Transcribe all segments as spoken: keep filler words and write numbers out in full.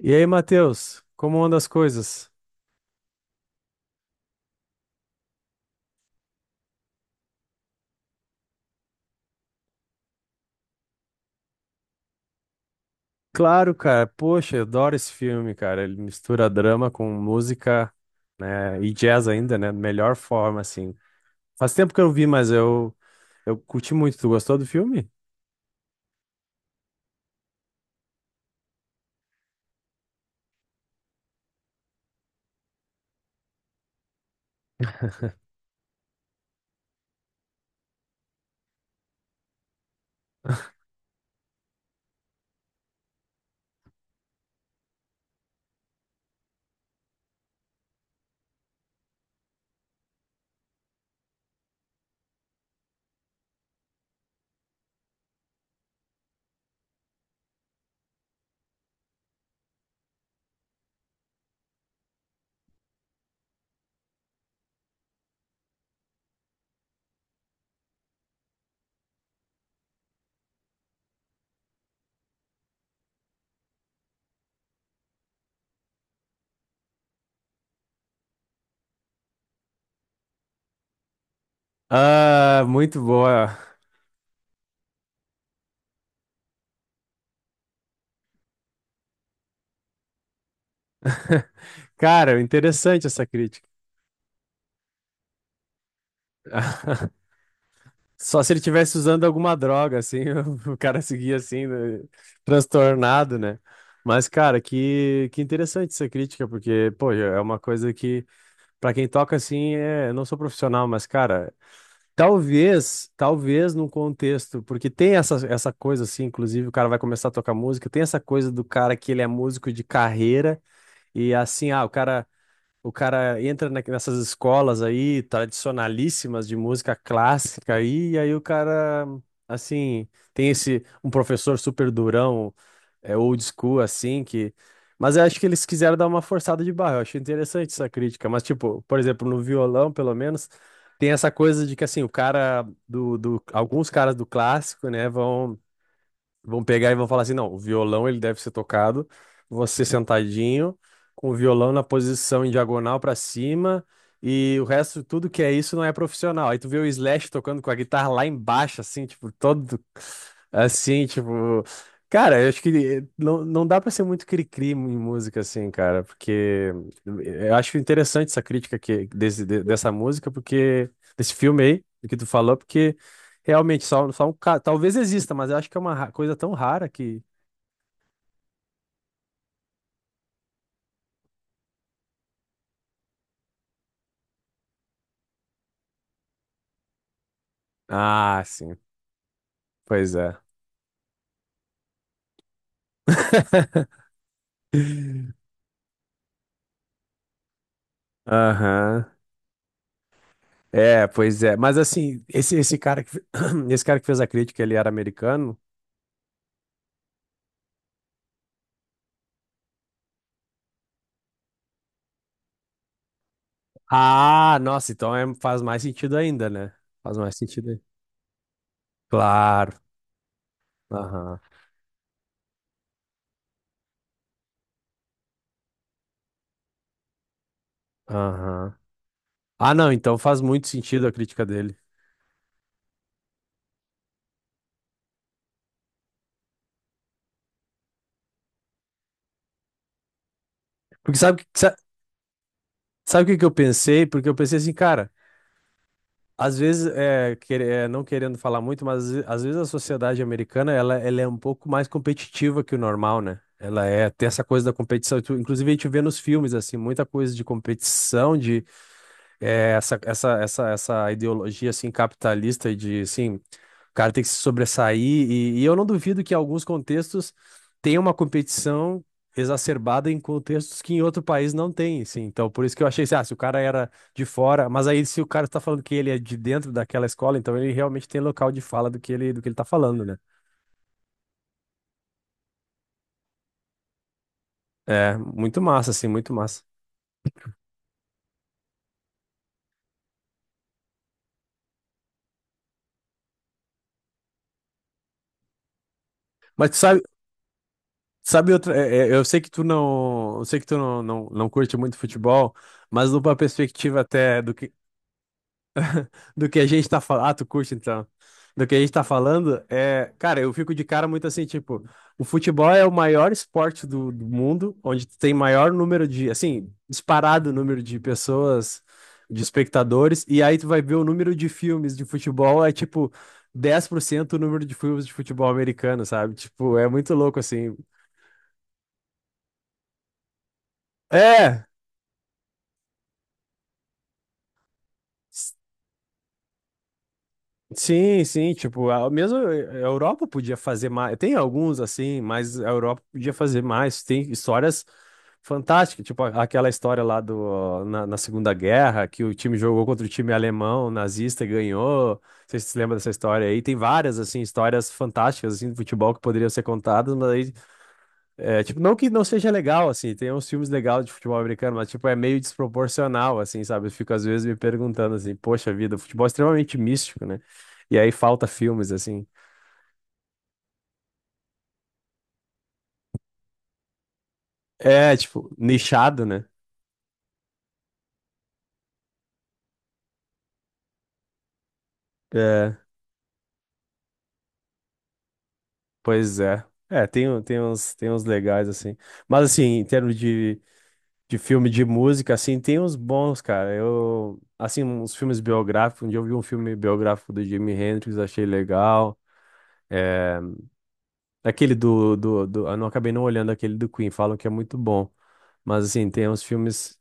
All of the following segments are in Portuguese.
E aí, Matheus, como anda as coisas? Claro, cara, poxa, eu adoro esse filme, cara. Ele mistura drama com música, né, e jazz ainda, né, melhor forma, assim. Faz tempo que eu não vi, mas eu, eu curti muito. Tu gostou do filme? Ah, muito boa. Cara, interessante essa crítica. Só se ele tivesse usando alguma droga, assim, o cara seguia assim, né, transtornado, né? Mas, cara, que, que interessante essa crítica, porque, pô, é uma coisa que pra quem toca assim, é, eu não sou profissional, mas cara, talvez, talvez num contexto, porque tem essa, essa coisa assim, inclusive o cara vai começar a tocar música, tem essa coisa do cara que ele é músico de carreira e assim, ah, o cara o cara entra na- nessas escolas aí, tradicionalíssimas de música clássica aí, e aí o cara, assim, tem esse, um professor super durão, é, old school, assim, que... Mas eu acho que eles quiseram dar uma forçada de barra, eu acho interessante essa crítica, mas, tipo, por exemplo, no violão, pelo menos, tem essa coisa de que, assim, o cara do, do... Alguns caras do clássico, né, vão... Vão pegar e vão falar assim, não, o violão ele deve ser tocado, você sentadinho, com o violão na posição em diagonal pra cima, e o resto, tudo que é isso não é profissional. Aí tu vê o Slash tocando com a guitarra lá embaixo, assim, tipo, todo, assim, tipo... Cara, eu acho que eh, não, não dá pra ser muito cri-cri em música, assim, cara, porque eh, eu acho interessante essa crítica que, desse, de- dessa música, porque, desse filme aí, do que tu falou, porque... Realmente, só, só um caso. Talvez exista, mas eu acho que é uma ra- coisa tão rara que. Ah, sim. Pois é. Aham. É, pois é. Mas assim, esse, esse cara que, fe- esse cara que fez a crítica, ele era americano? Ah, nossa, então é- faz mais sentido ainda, né? Faz mais sentido aí. Claro. Aham. Aham. Ah, não, então faz muito sentido a crítica dele. Porque sabe, o que- sa- sabe o que que eu pensei? Porque eu pensei assim, cara. Às vezes, é, quer- é, não querendo falar muito, mas às vezes a sociedade americana ela, ela é um pouco mais competitiva que o normal, né? Ela é, tem essa coisa da competição. Tu- Inclusive, a gente vê nos filmes, assim, muita coisa de competição, é, essa, essa, essa, essa ideologia assim capitalista de assim, o cara tem que se sobressair e, e eu não duvido que em alguns contextos tenha uma competição exacerbada em contextos que em outro país não tem, assim. Então, por isso que eu achei assim, ah, se o cara era de fora, mas aí se o cara está falando que ele é de dentro daquela escola, então ele realmente tem local de fala do que ele do que ele tá falando, né? É, muito massa, assim, muito massa. Mas tu sabe, sabe outra, é, é, eu sei que tu não, eu sei que tu não, não, não curte muito futebol, mas numa perspectiva até do que, do que a gente tá falando, ah, tu curte então. Do que a gente tá falando, é, cara, eu fico de cara muito assim, tipo, o futebol é o maior esporte do, do mundo, onde tem maior número de, assim, disparado número de pessoas, de espectadores, e aí tu vai ver o número de filmes de futebol, é tipo dez por cento o número de filmes de futebol americano, sabe? Tipo, é muito louco assim. É. Sim, sim, tipo, a, mesmo a Europa podia fazer mais. Tem alguns assim, mas a Europa podia fazer mais. Tem histórias fantásticas, tipo a- aquela história lá do na, na Segunda Guerra, que o time jogou contra o time alemão nazista e ganhou. Vocês se lembram dessa história aí? Tem várias assim histórias fantásticas assim de futebol que poderiam ser contadas, mas aí é, tipo, não que não seja legal, assim, tem uns filmes legais de futebol americano, mas, tipo, é meio desproporcional, assim, sabe? Eu fico, às vezes, me perguntando, assim, poxa vida, o futebol é extremamente místico, né? E aí falta filmes, assim. É, tipo, nichado, né? É, pois é. É, tem, um- tem uns, tem uns legais, assim. Mas, assim, em termos de, de filme de música, assim, tem uns bons, cara. Eu, assim, uns filmes biográficos, um dia eu vi um filme biográfico do Jimi Hendrix, achei legal. É, aquele do, do, do. Eu não acabei não olhando aquele do Queen, falam que é muito bom. Mas assim, tem uns filmes.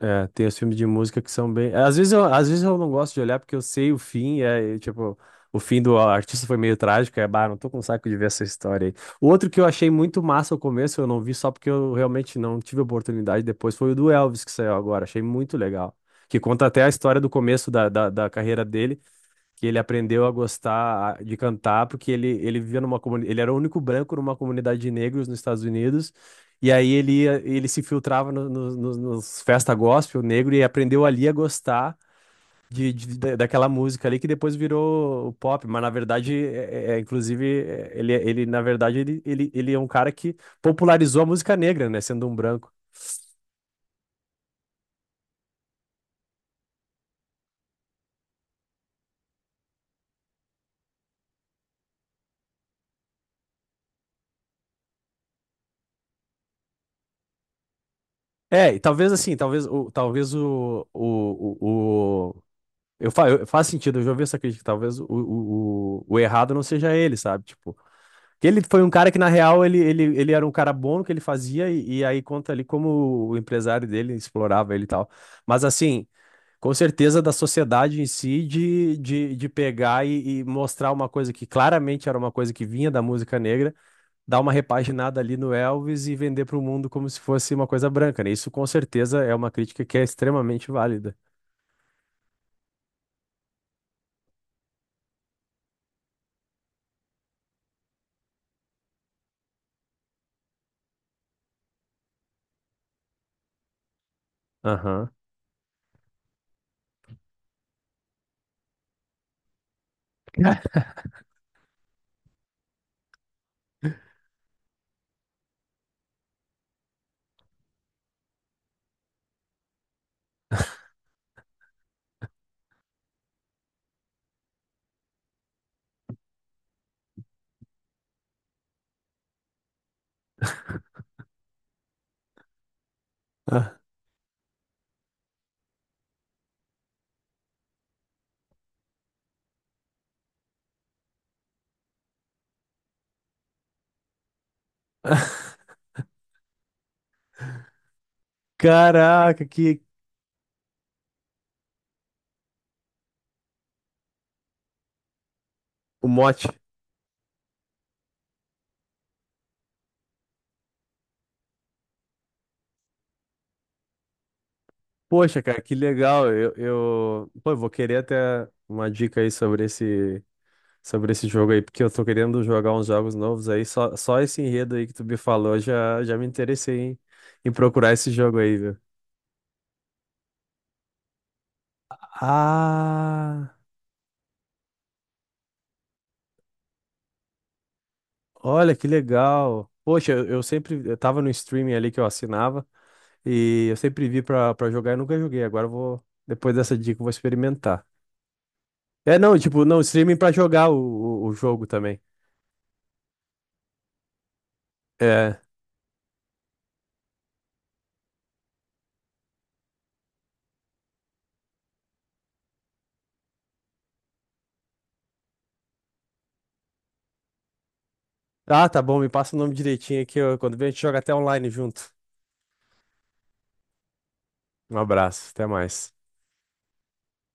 É, tem os filmes de música que são bem. Às vezes eu, às vezes eu não gosto de olhar porque eu sei o fim, é e, tipo. O fim do artista foi meio trágico, é, bah, não tô com saco de ver essa história aí. O outro que eu achei muito massa ao começo, eu não vi só porque eu realmente não tive oportunidade depois, foi o do Elvis que saiu agora, achei muito legal. Que conta até a história do começo da, da, da carreira dele que ele aprendeu a gostar de cantar porque ele, ele vivia numa comunidade, ele era o único branco numa comunidade de negros nos Estados Unidos. E aí ele ia, ele se filtrava no, no, no- nos festa gospel negro e aprendeu ali a gostar de, de- da- daquela música ali que depois virou o pop, mas na verdade é, é- é, inclusive é, ele, ele na verdade ele, ele, ele é um cara que popularizou a música negra, né, sendo um branco. É, e talvez assim, talvez o, talvez o, o, o, eu, fa eu- faz sentido, eu já ouvi essa crítica. Talvez o, o, o, o errado não seja ele, sabe? Tipo, que ele foi um cara que, na real, ele, ele, ele era um cara bom no que ele fazia, e, e aí conta ali como o empresário dele explorava ele e tal. Mas assim, com certeza da sociedade em si de, de, de pegar e, e mostrar uma coisa que claramente era uma coisa que vinha da música negra, dar uma repaginada ali no Elvis e vender para o mundo como se fosse uma coisa branca, né? Isso com certeza é uma crítica que é extremamente válida. Aham. Ah, caraca, que, o mote. Poxa, cara, que legal. Eu, eu... Pô, eu vou querer até uma dica aí sobre esse, sobre esse jogo aí, porque eu tô querendo jogar uns jogos novos aí. Só, só esse enredo aí que tu me falou já, já me interessei em, em procurar esse jogo aí, viu? Ah, olha que legal. Poxa, eu, eu sempre eu tava no streaming ali que eu assinava e eu sempre vi pra, pra jogar e nunca joguei. Agora eu vou, depois dessa dica, eu vou experimentar. É, não, tipo, não, streaming pra jogar o, o, o jogo também. É. Ah, tá bom, me passa o nome direitinho aqui. Ó, quando vem, a gente joga até online junto. Um abraço, até mais.